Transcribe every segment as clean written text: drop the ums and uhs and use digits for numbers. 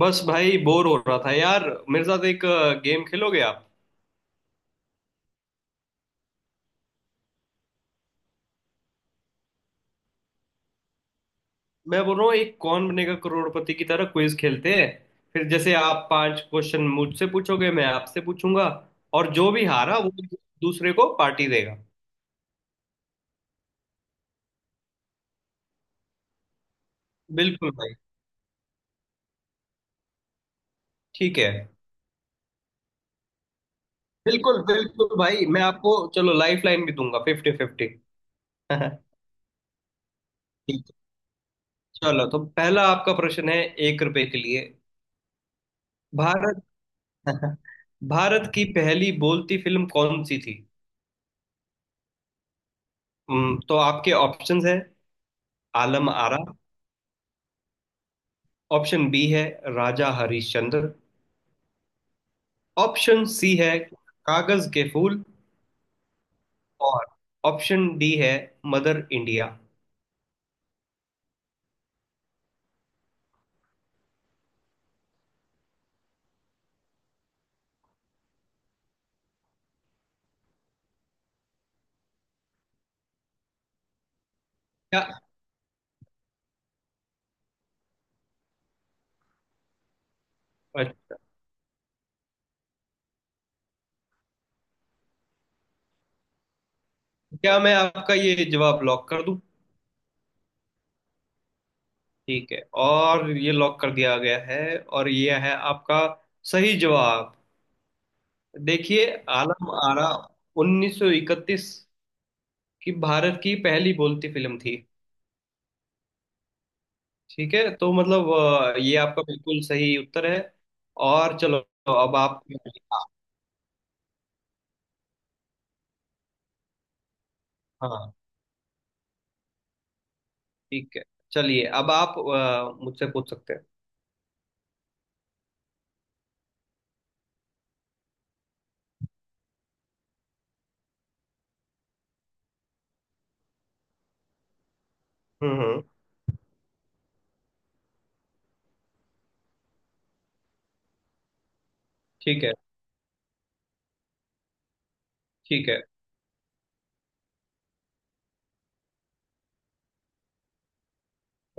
बस भाई बोर हो रहा था यार। मेरे साथ एक गेम खेलोगे आप? मैं बोल रहा हूँ एक कौन बनेगा करोड़पति की तरह क्विज खेलते हैं। फिर जैसे आप पांच क्वेश्चन मुझसे पूछोगे, मैं आपसे पूछूंगा और जो भी हारा वो दूसरे को पार्टी देगा। बिल्कुल भाई। ठीक है। बिल्कुल बिल्कुल भाई, मैं आपको चलो लाइफ लाइन भी दूंगा, फिफ्टी फिफ्टी। ठीक है। चलो तो पहला आपका प्रश्न है, एक रुपए के लिए। भारत भारत की पहली बोलती फिल्म कौन सी थी? तो आपके ऑप्शंस है, आलम आरा। ऑप्शन बी है राजा हरिश्चंद्र। ऑप्शन सी है कागज के फूल। और ऑप्शन डी है मदर इंडिया। क्या? अच्छा। क्या मैं आपका ये जवाब लॉक कर दूं? ठीक है, और ये लॉक कर दिया गया है। और ये है आपका सही जवाब। देखिए, आलम आरा 1931 की भारत की पहली बोलती फिल्म थी। ठीक है तो मतलब, ये आपका बिल्कुल सही उत्तर है। और चलो अब आप, हाँ, ठीक है। चलिए अब आप मुझसे पूछ सकते हैं। हम्म। ठीक है। ठीक है।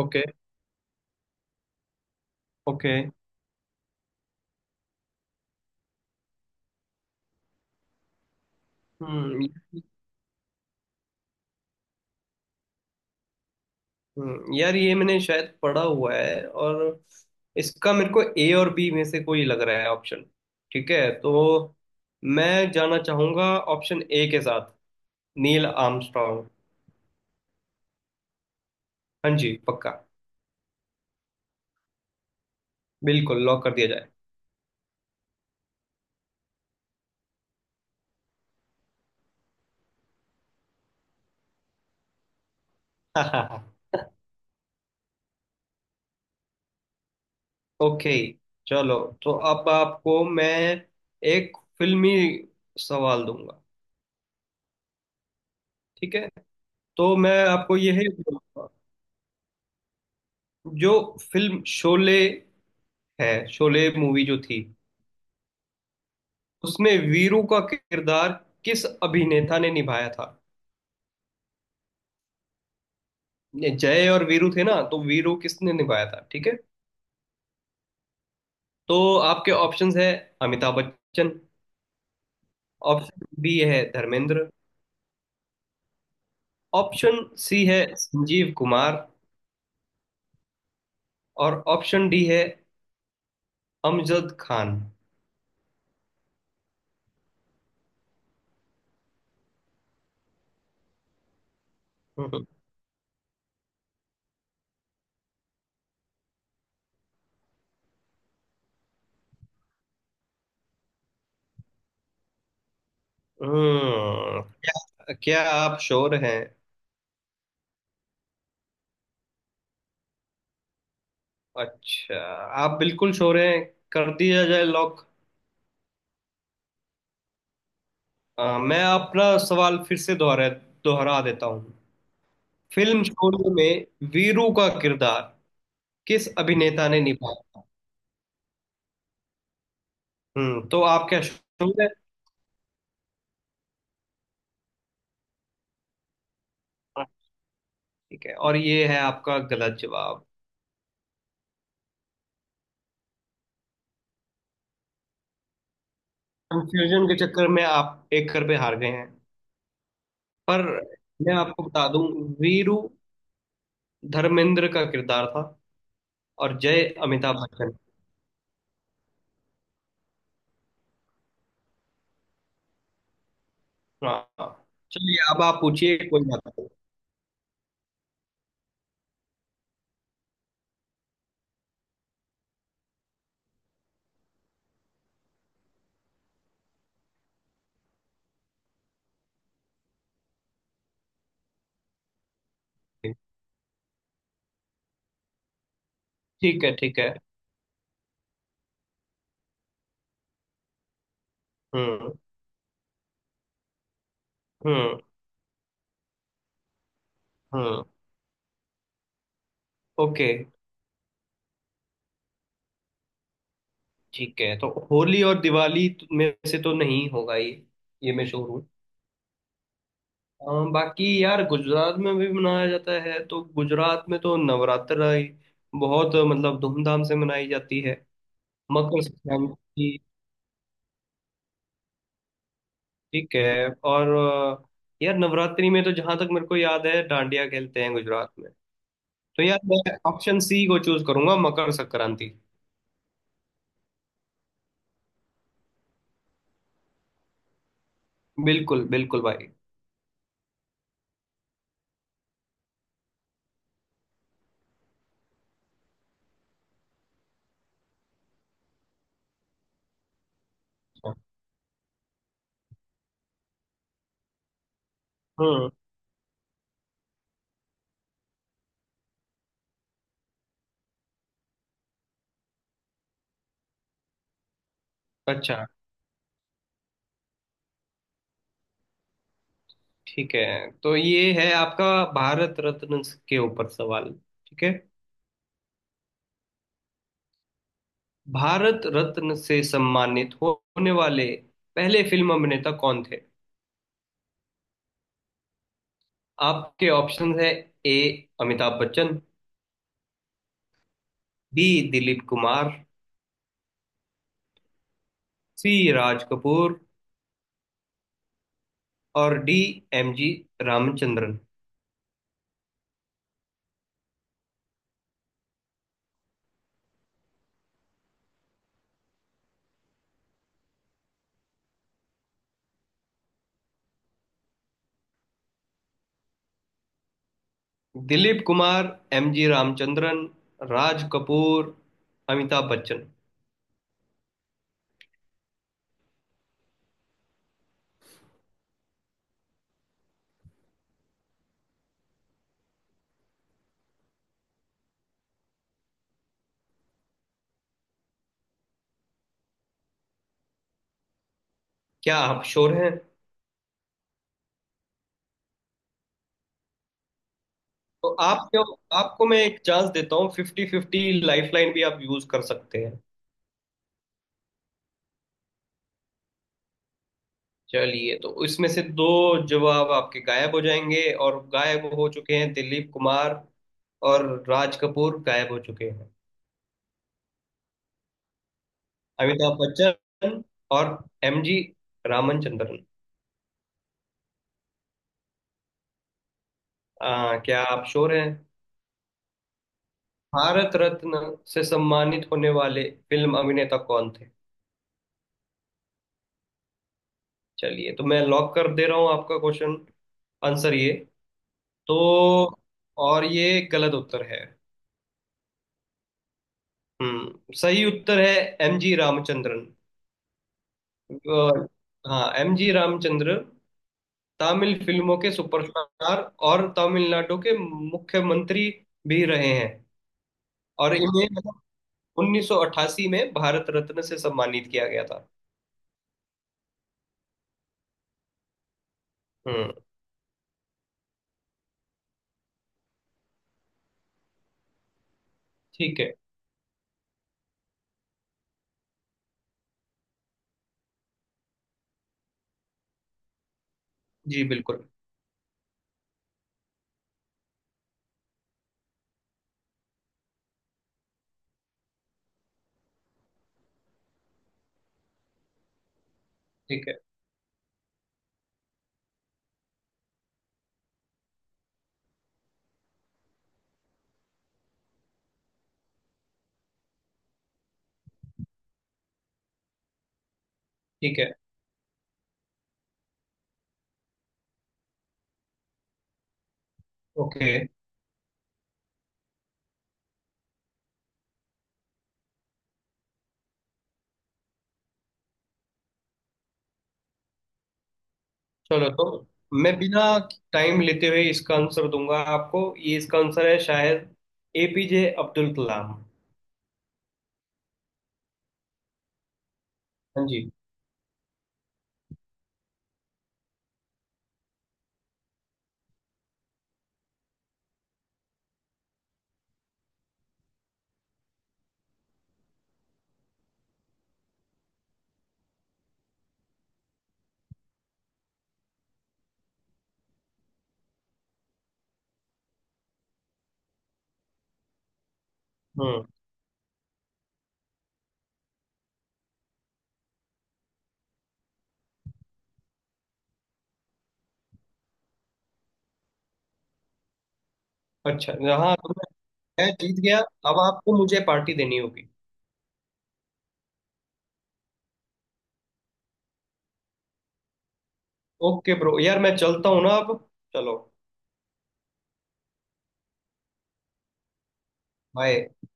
ओके। ओके। हम्म। यार ये मैंने शायद पढ़ा हुआ है, और इसका मेरे को ए और बी में से कोई लग रहा है ऑप्शन। ठीक है, तो मैं जाना चाहूंगा ऑप्शन ए के साथ, नील आर्मस्ट्रॉन्ग। हाँ जी, पक्का। बिल्कुल, लॉक कर दिया जाए। ओके, चलो तो अब आपको मैं एक फिल्मी सवाल दूंगा। ठीक है, तो मैं आपको ये है, जो फिल्म शोले है, शोले मूवी जो थी, उसमें वीरू का किरदार किस अभिनेता ने निभाया था? ये जय और वीरू थे ना, तो वीरू किसने निभाया था, ठीक है? तो आपके ऑप्शंस है अमिताभ बच्चन। ऑप्शन बी है धर्मेंद्र। ऑप्शन सी है संजीव कुमार। और ऑप्शन डी है अमजद खान। हम्म, क्या क्या आप श्योर हैं? अच्छा, आप बिल्कुल श्योर हैं? कर दिया जाए लॉक। मैं अपना सवाल फिर से दोहरा दोहरा देता हूँ। फिल्म शोले में वीरू का किरदार किस अभिनेता ने निभाया था? हम्म, तो आप क्या श्योर है? हाँ, ठीक है, और ये है आपका गलत जवाब। कंफ्यूजन के चक्कर में आप एक कर पे हार गए हैं। पर मैं आपको बता दूं, वीरू धर्मेंद्र का किरदार था और जय अमिताभ बच्चन। हाँ। चलिए अब आप पूछिए। कोई बात नहीं। ठीक है। ठीक है। हम्म। हम्म। हम्म। ओके। ठीक है, तो होली और दिवाली में से तो नहीं होगा ये मैं श्योर हूँ। अ, बाकी यार गुजरात में भी मनाया जाता है, तो गुजरात में तो नवरात्र ही बहुत मतलब धूमधाम से मनाई जाती है। मकर संक्रांति। ठीक है और यार नवरात्रि में तो जहां तक मेरे को याद है डांडिया खेलते हैं गुजरात में। तो यार मैं ऑप्शन सी को चूज करूंगा, मकर संक्रांति। बिल्कुल बिल्कुल भाई। हम्म। अच्छा। ठीक है, तो ये है आपका भारत रत्न के ऊपर सवाल। ठीक है। भारत रत्न से सम्मानित होने वाले पहले फिल्म अभिनेता कौन थे? आपके ऑप्शन है, A Amitabh Bachchan. B Dilip Kumar. C Raj Kapoor. और D M G Ramachandran. Dilip Kumar, M G Ramachandran, Raj Kapoor, Amitabh Bachchan. क्या आप श्योर हैं? तो आप क्यों, आपको मैं एक चांस देता हूँ, फिफ्टी फिफ्टी लाइफलाइन भी आप यूज कर सकते हैं। चलिए, तो इसमें से दो जवाब आपके गायब हो जाएंगे, और गायब हो चुके हैं दिलीप कुमार और राज कपूर। गायब हो चुके हैं अमिताभ बच्चन और एम जी रामचंद्रन। क्या आप श्योर हैं? भारत रत्न से सम्मानित होने वाले फिल्म अभिनेता कौन थे? चलिए, तो मैं लॉक कर दे रहा हूँ आपका क्वेश्चन, आंसर ये। तो और ये गलत उत्तर है। हम्म। सही उत्तर है एम जी रामचंद्रन। अ, हाँ, एम जी रामचंद्र तमिल फिल्मों के सुपरस्टार और तमिलनाडु के मुख्यमंत्री भी रहे हैं। और इन्हें मतलब 1988 में भारत रत्न से सम्मानित किया गया था। हम्म। ठीक है। जी बिल्कुल। ठीक है। ठीक है। ओके। चलो तो मैं बिना टाइम लेते हुए इसका आंसर दूंगा आपको, ये इसका आंसर है शायद एपीजे अब्दुल कलाम। हाँ जी। हम्म। अच्छा। हाँ, तो मैं जीत गया। अब आपको मुझे पार्टी देनी होगी। ओके ब्रो, यार मैं चलता हूँ ना अब। चलो, बाय।